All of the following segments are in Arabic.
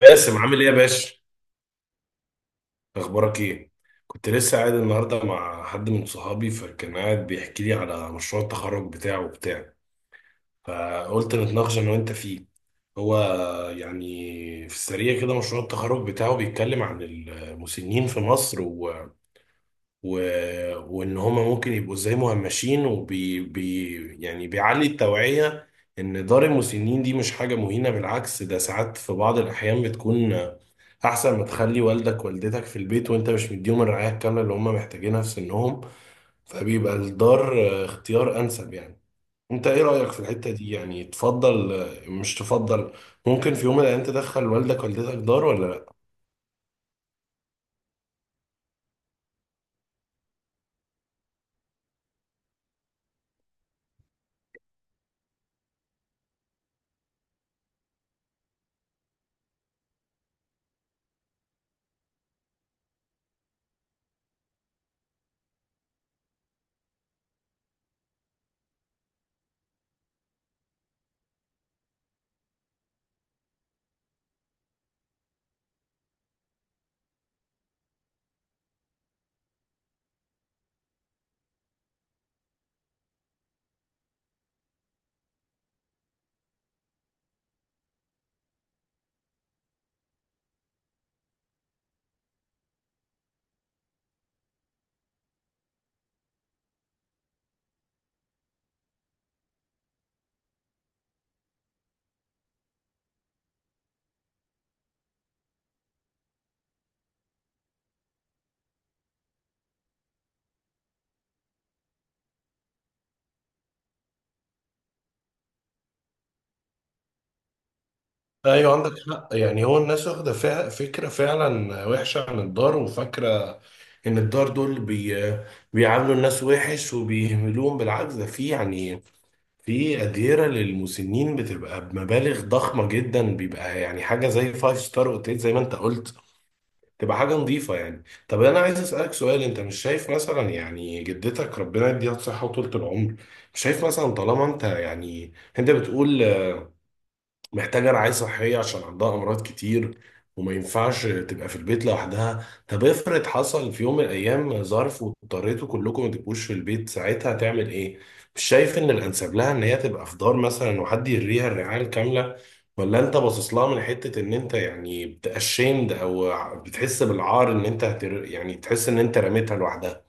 باسم، عامل ايه يا باشا؟ اخبارك ايه؟ كنت لسه قاعد النهارده مع حد من صحابي فكان قاعد بيحكي لي على مشروع التخرج بتاعه وبتاع. فقلت نتناقش انا وانت فيه. هو يعني في السريع كده مشروع التخرج بتاعه بيتكلم عن المسنين في مصر و... وان هما ممكن يبقوا ازاي مهمشين يعني بيعلي التوعية ان دار المسنين دي مش حاجة مهينة، بالعكس ده ساعات في بعض الاحيان بتكون احسن ما تخلي والدك والدتك في البيت وانت مش مديهم الرعاية الكاملة اللي هم محتاجينها في سنهم. فبيبقى الدار اختيار انسب يعني. انت ايه رأيك في الحتة دي؟ يعني تفضل مش تفضل؟ ممكن في يوم من الايام تدخل والدك والدتك دار ولا لا؟ ايوه، عندك حق. يعني هو الناس واخدة فكرة فعلا وحشة عن الدار، وفاكرة ان الدار دول بيعاملوا الناس وحش وبيهملوهم. بالعكس، ده في يعني في أديرة للمسنين بتبقى بمبالغ ضخمة جدا، بيبقى يعني حاجة زي فايف ستار اوتيل زي ما انت قلت، تبقى حاجة نظيفة. يعني طب انا عايز اسألك سؤال، انت مش شايف مثلا يعني جدتك، ربنا يديها الصحة وطولة العمر، مش شايف مثلا طالما انت يعني انت بتقول محتاجة رعاية صحية عشان عندها أمراض كتير، وما ينفعش تبقى في البيت لوحدها؟ طب افرض حصل في يوم من الأيام ظرف واضطريتوا كلكم ما تبقوش في البيت، ساعتها هتعمل إيه؟ مش شايف إن الأنسب لها إن هي تبقى في دار مثلا وحد يريها الرعاية الكاملة؟ ولا أنت باصص لها من حتة إن أنت يعني بتأشيمد أو بتحس بالعار إن أنت يعني تحس إن أنت رميتها لوحدها؟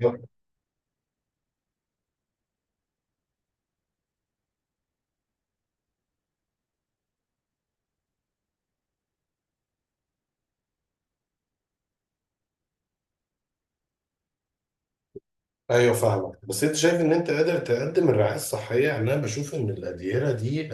يب. ايوه فاهمك. بس انت شايف ان انت قادر تقدم الرعايه الصحيه؟ يعني انا بشوف ان الاديره دي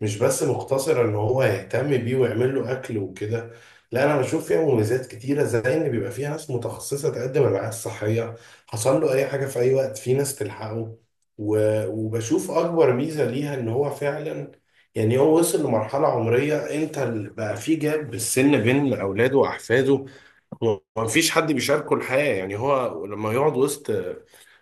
مش بس مقتصر ان هو يهتم بيه ويعمل له اكل وكده، لا، انا بشوف فيها مميزات كتيره، زي ان بيبقى فيها ناس متخصصه تقدم الرعايه الصحيه، حصل له اي حاجه في اي وقت في ناس تلحقه. وبشوف اكبر ميزه ليها ان هو فعلا يعني هو وصل لمرحله عمريه، انت بقى في جاب بالسن بين اولاده واحفاده، هو مفيش حد بيشاركه الحياة. يعني هو لما يقعد وسط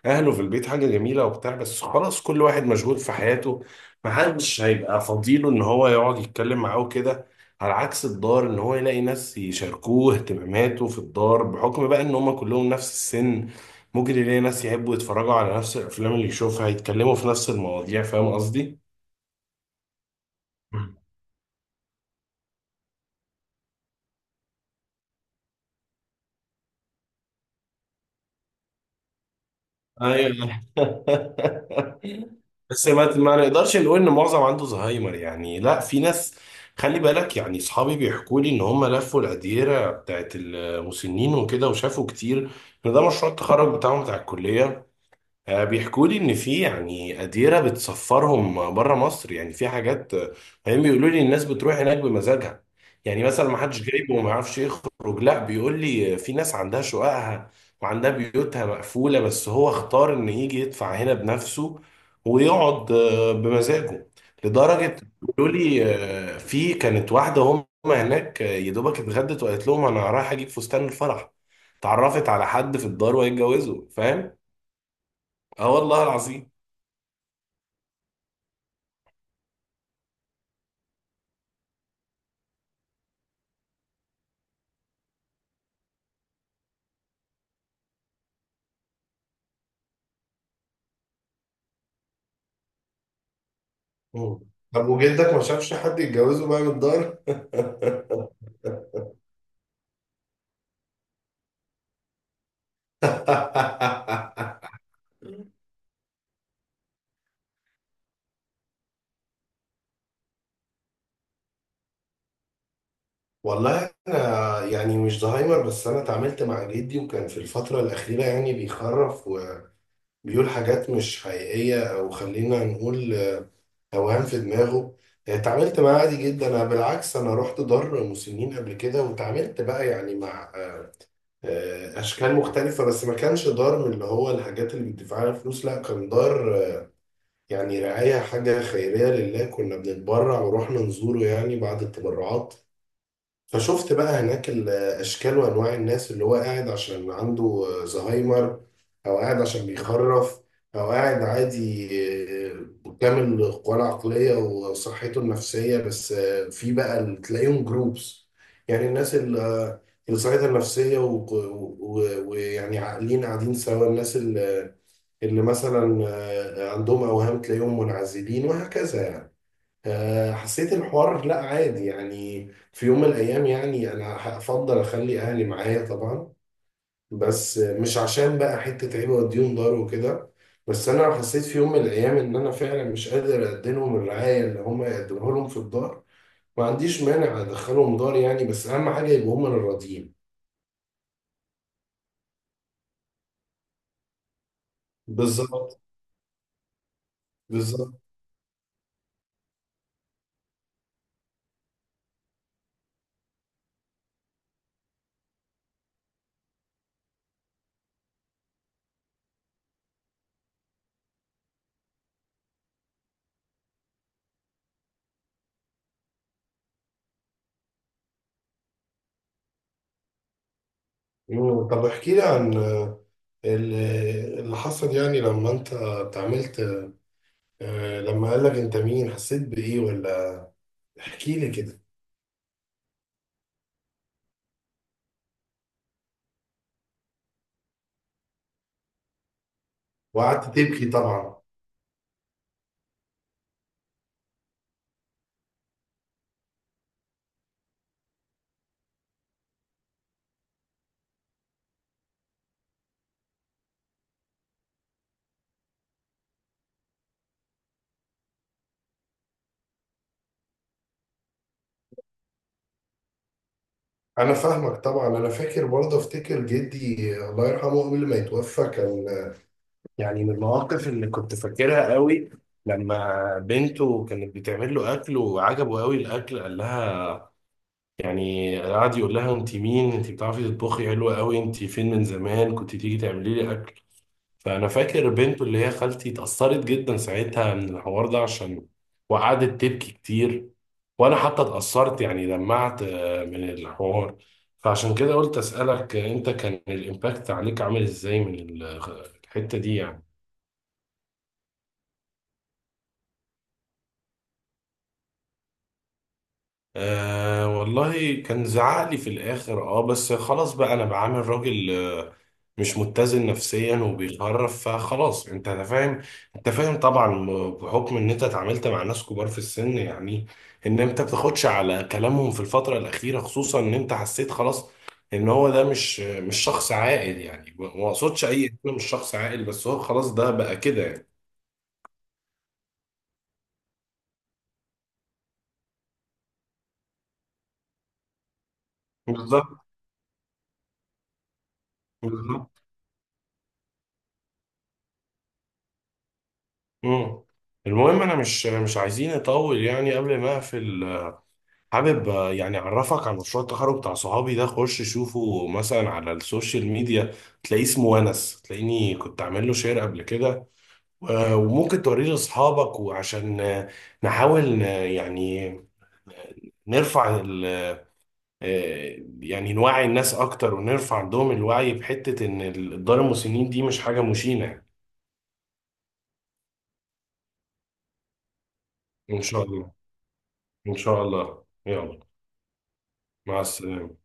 أهله في البيت حاجة جميلة وبتاع، بس خلاص كل واحد مشغول في حياته، محدش هيبقى فضيله إن هو يقعد يتكلم معاه وكده. على عكس الدار، إن هو يلاقي ناس يشاركوه اهتماماته في الدار بحكم بقى إن هما كلهم نفس السن، ممكن يلاقي ناس يحبوا يتفرجوا على نفس الأفلام اللي يشوفها، يتكلموا في نفس المواضيع. فاهم قصدي؟ مم. ايوه. بس ما نقدرش نقول ان معظم عنده زهايمر يعني، لا في ناس. خلي بالك، يعني اصحابي بيحكوا لي ان هم لفوا الاديره بتاعت المسنين وكده وشافوا كتير، ان ده مشروع التخرج بتاعهم بتاع الكليه. بيحكوا لي ان في يعني قديره بتسفرهم بره مصر، يعني في حاجات هم بيقولوا لي الناس بتروح هناك بمزاجها، يعني مثلا ما حدش جايبه وما يعرفش يخرج. لا، بيقول لي في ناس عندها شققها وعندها بيوتها مقفوله بس هو اختار ان يجي يدفع هنا بنفسه ويقعد بمزاجه. لدرجه بيقولوا لي في كانت واحده هم هناك يا دوبك اتغدت وقالت لهم انا رايحه اجيب فستان الفرح، اتعرفت على حد في الدار وهيتجوزوا. فاهم؟ اه والله العظيم. مم. طب وجلدك ما شافش حد يتجوزه بقى من الدار؟ والله انا يعني مش زهايمر، بس انا اتعاملت مع جدي وكان في الفتره الاخيره يعني بيخرف وبيقول حاجات مش حقيقيه، او خلينا نقول اوهام في دماغه. اتعاملت معاه عادي جدا. انا بالعكس انا رحت دار مسنين قبل كده وتعاملت بقى يعني مع اشكال مختلفه، بس ما كانش دار من اللي هو الحاجات اللي بتدفع لها فلوس، لا كان دار يعني رعاية، حاجة خيرية لله، كنا بنتبرع ورحنا نزوره يعني بعد التبرعات. فشفت بقى هناك الأشكال وأنواع الناس، اللي هو قاعد عشان عنده زهايمر، أو قاعد عشان بيخرف، أو قاعد عادي كامل القوى العقلية وصحته النفسية. بس في بقى اللي تلاقيهم جروبس، يعني الناس اللي اللي صحتها النفسية ويعني عاقلين قاعدين سوا، الناس اللي مثلا عندهم اوهام تلاقيهم منعزلين، وهكذا يعني. حسيت الحوار لا عادي. يعني في يوم من الايام يعني انا هفضل اخلي اهلي معايا طبعا، بس مش عشان بقى حته عيب اوديهم دار وكده، بس انا حسيت في يوم من الايام ان انا فعلا مش قادر اقدم لهم الرعايه اللي هم يقدموها لهم في الدار، ما عنديش مانع ادخلهم دار يعني، بس اهم حاجه يبقوا هم اللي راضيين. بالظبط. بالظبط. مم. طب احكي لي عن اللي حصل، يعني لما انت اتعاملت لما قال لك انت مين، حسيت بايه؟ ولا احكي لي كده. وقعدت تبكي طبعا؟ انا فاهمك طبعا. انا فاكر برضه، افتكر جدي الله يرحمه قبل ما يتوفى كان يعني، من المواقف اللي كنت فاكرها قوي، لما بنته كانت بتعمل له اكل وعجبه قوي الاكل، قال لها يعني قعد يقول لها انت مين؟ انت بتعرفي تطبخي حلوه قوي، انت فين من زمان كنت تيجي تعملي لي اكل. فانا فاكر بنته اللي هي خالتي اتأثرت جدا ساعتها من الحوار ده عشان، وقعدت تبكي كتير. وانا حتى اتأثرت يعني، دمعت من الحوار. فعشان كده قلت اسألك انت كان الامباكت عليك عامل ازاي من الحتة دي يعني؟ والله كان زعق لي في الاخر اه، بس خلاص بقى انا بعامل راجل مش متزن نفسيا وبيخرف، فخلاص انت فاهم، انت فاهم طبعا بحكم ان انت اتعاملت مع ناس كبار في السن، يعني ان انت بتاخدش على كلامهم في الفترة الاخيرة، خصوصا ان انت حسيت خلاص ان هو ده مش شخص عاقل، يعني ما اقصدش اي انه مش شخص عاقل، بس هو خلاص ده بقى كده يعني. بالظبط. بالظبط. مم. المهم انا مش عايزين نطول، يعني قبل ما اقفل حابب يعني اعرفك على مشروع التخرج بتاع صحابي ده، خش شوفه مثلا على السوشيال ميديا، تلاقيه اسمه ونس، تلاقيني كنت عامل له شير قبل كده، وممكن توريه لاصحابك، وعشان نحاول يعني نرفع يعني نوعي الناس اكتر ونرفع عندهم الوعي بحتة ان الدار المسنين دي مش حاجة مشينة. ان شاء الله. ان شاء الله، يلا. مع السلامة.